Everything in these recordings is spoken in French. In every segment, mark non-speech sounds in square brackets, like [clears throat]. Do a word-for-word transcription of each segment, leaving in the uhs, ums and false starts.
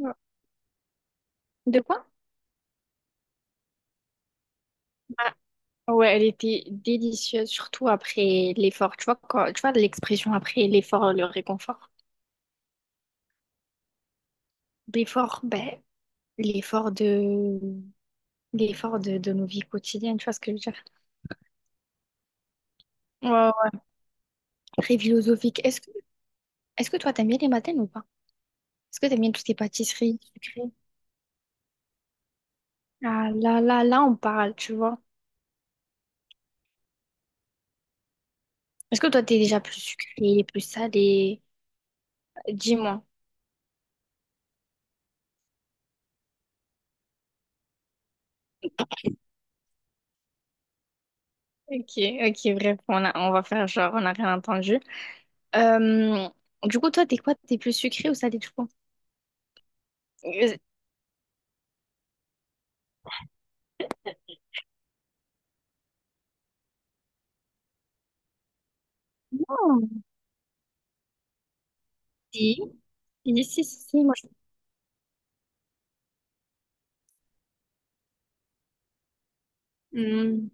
Ouais. De quoi? Ah, ouais, elle était délicieuse, surtout après l'effort. Tu vois, quand, tu vois l'expression après l'effort, le réconfort. L'effort, ben, l'effort de, l'effort de, de nos vies quotidiennes, tu vois ce que je veux dire? Ouais, ouais. Très philosophique. Est-ce que, est-ce que toi, t'aimes bien les mataines ou pas? Est-ce que t'aimes bien toutes les pâtisseries sucrées? Ah là là, là, on parle, tu vois. Est-ce que toi, t'es déjà plus sucré, plus salé? Dis-moi. Ok, ok, bref, on a, on va faire genre, on n'a rien entendu. Euh, du coup, toi, t'es quoi? T'es plus sucré ou salé, je pense? Euh, Oh. Si, si, si, si, si, moi, je- Hmm.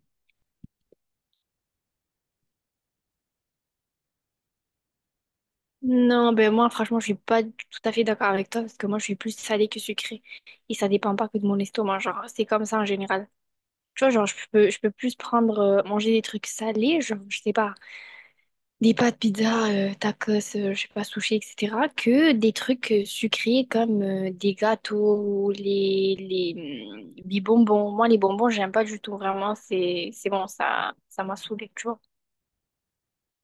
Non, ben moi, franchement, je suis pas tout à fait d'accord avec toi parce que moi, je suis plus salée que sucrée. Et ça dépend pas que de mon estomac, genre, c'est comme ça en général. Tu vois, genre, je peux, je peux plus prendre, euh, manger des trucs salés, genre, je sais pas. Des pâtes pizza, euh, tacos, euh, je sais pas, sushi, et cetera, que des trucs euh, sucrés comme euh, des gâteaux ou les, les, hum, les bonbons. Moi, les bonbons, j'aime pas du tout, vraiment, c'est, c'est bon, ça, ça m'a saoulée, tu vois.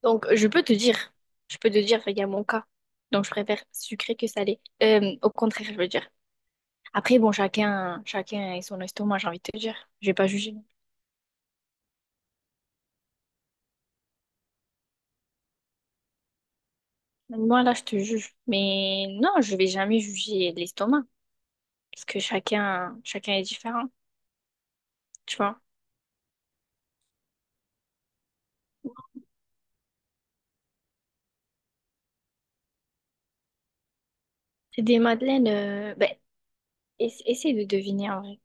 Donc, je peux te dire, je peux te dire, il y a mon cas. Donc, je préfère sucré que salé. Euh, au contraire, je veux dire. Après, bon, chacun, chacun et son estomac, j'ai envie de te dire. Je vais pas juger. Moi, là, je te juge. Mais non, je vais jamais juger l'estomac. Parce que chacun, chacun est différent. Tu vois. C'est des madeleines. euh, ben, ess- essaie de deviner en vrai,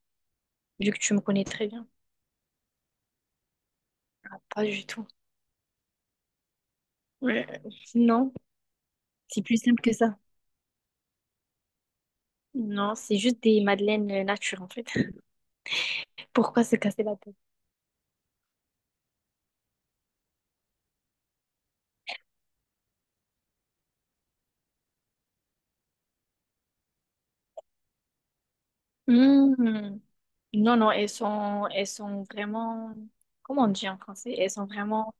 vu que tu me connais très bien. Ah, pas du tout. Ouais. Non, c'est plus simple que ça. Non, c'est juste des madeleines euh, nature en fait. [laughs] Pourquoi se casser la tête? Hmm. Non, non, elles sont, elles sont vraiment. Comment on dit en français? Elles sont vraiment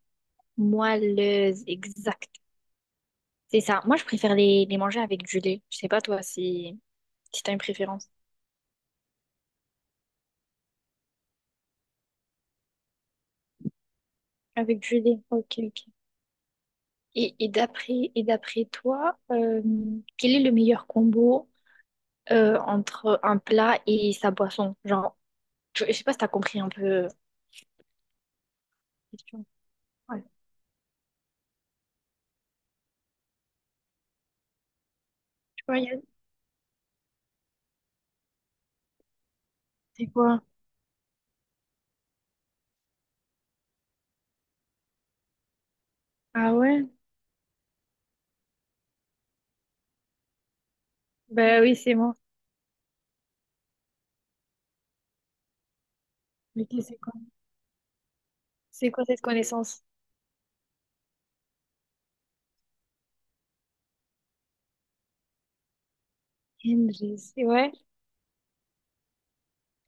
moelleuses, exact. C'est ça. Moi, je préfère les, les manger avec du lait. Je sais pas toi si, si t'as une préférence. Avec du lait, ok, ok. Et, et d'après et d'après toi, euh, quel est le meilleur combo euh, entre un plat et sa boisson? Genre, je, je sais pas si t'as compris un peu euh, la question. Ouais. Tu vois, Yann, c'est quoi? Ah ouais? Bah oui, c'est moi. Mais qu'est- c'est quoi? C'est quoi cette connaissance? Henry, c'est ouais.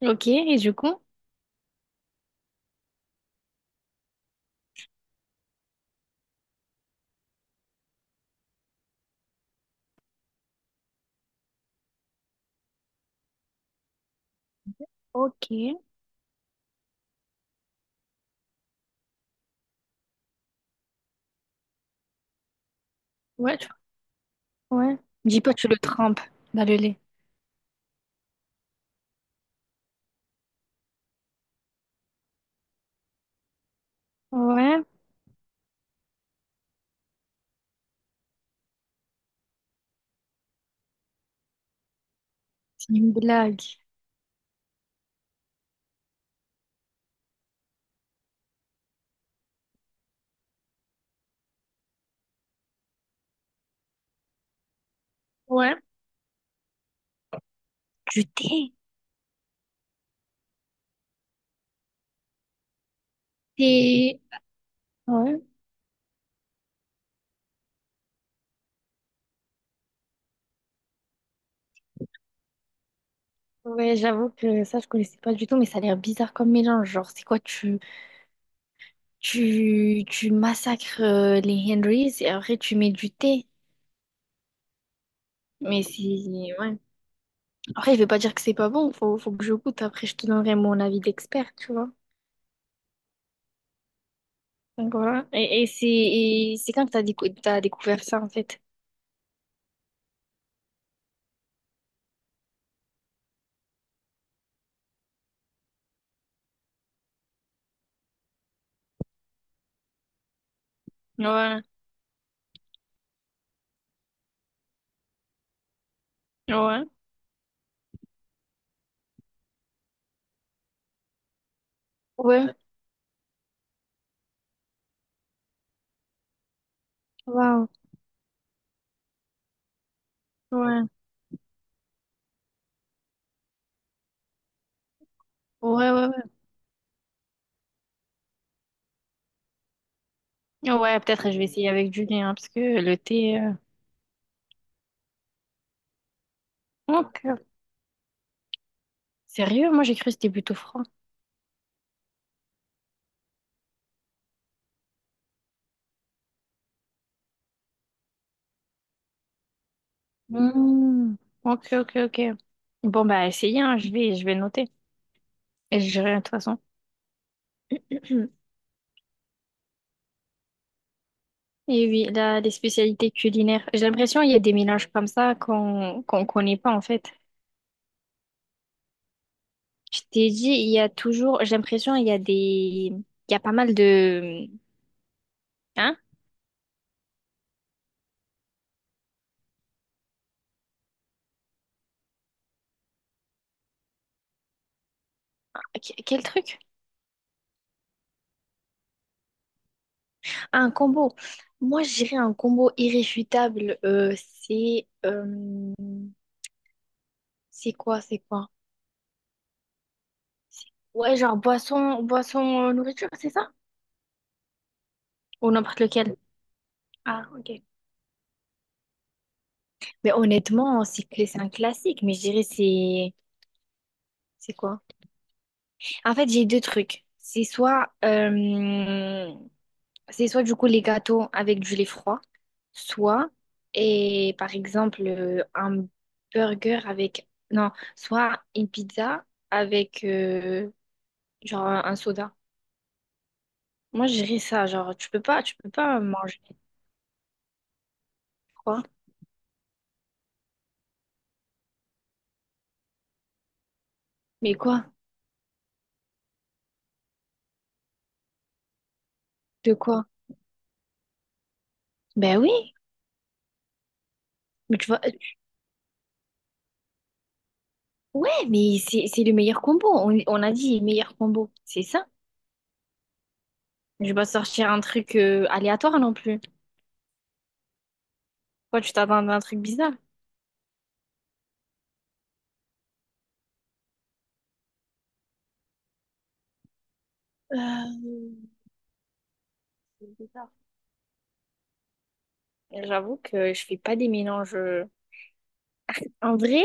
Ok, et du coup? Ok. Ouais, tu- ouais. Dis pas, que tu le trempes dans le lait. Ouais. C'est une blague. Ouais. Du thé. Thé. Ouais. Ouais, j'avoue que ça, je connaissais pas du tout, mais ça a l'air bizarre comme mélange. Genre, c'est quoi, tu, tu, tu massacres euh, les Henrys et après tu mets du thé. Mais c'est. Ouais. Après, je vais pas dire que c'est pas bon, faut, faut que je goûte. Après, je te donnerai mon avis d'expert, tu vois. Donc voilà. Et, et c'est et c'est quand que t'as décou- t'as découvert ça, en fait? Ouais, ouais, ouais. Waouh. Ouais, ouais, ouais, ouais. Ouais, peut-être je vais essayer avec du lait, hein, parce que le thé... euh, Ok. Sérieux, moi j'ai cru que c'était plutôt froid. Hmm. Ok, ok, ok. Bon, bah, essayez, hein, je vais, je vais noter. Et je dirai de toute façon. [clears throat] Et oui, là, les spécialités culinaires. J'ai l'impression qu'il y a des mélanges comme ça qu'on qu'on connaît pas, en fait. Je t'ai dit, il y a toujours... J'ai l'impression qu'il y a des... Il y a pas mal de... Hein? Qu- Quel truc? Ah, un combo. Moi, je dirais un combo irréfutable. euh, c'est... euh, C'est quoi, c'est quoi? Ouais, genre boisson, boisson, euh, nourriture, c'est ça? Ou n'importe lequel. Ah, ok. Mais honnêtement, c'est cla- c'est un classique, mais je dirais c'est... C'est quoi? En fait, j'ai deux trucs. C'est soit... euh, C'est soit, du coup, les gâteaux avec du lait froid, soit, et par exemple, euh, un burger avec... Non, soit une pizza avec, euh, genre, un un soda. Moi, je dirais ça, genre, tu peux pas, tu peux pas manger quoi? Mais quoi? De quoi? Ben oui, mais tu vois, Ouais, mais c'est c'est le meilleur combo. On, on a dit meilleur combo. C'est ça. Je vais pas sortir un truc euh, aléatoire non plus. Toi, tu t'attends à un truc bizarre. Euh, c'est bizarre. J'avoue que je fais pas des mélanges euh. En vrai,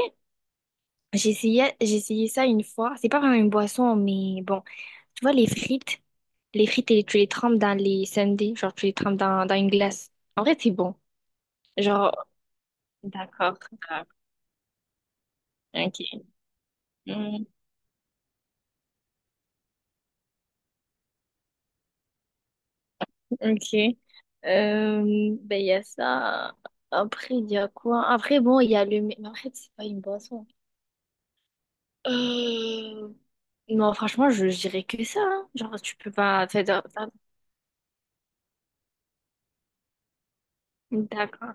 j'ai essayé, j'ai essayé ça une fois. C'est pas vraiment une boisson, mais bon. Tu vois, les frites, les frites, et tu les trempes dans les sundaes. Genre, tu les trempes dans, dans une glace. En vrai, c'est bon. Genre, d'accord. D'accord. Ok. Ok. Euh, ben, il y a ça. Après, il y a quoi? Après, bon, il y a le... Mais après, c'est pas une boisson. Euh... Non, franchement, je je dirais que ça. Hein. Genre, tu peux pas... D'accord.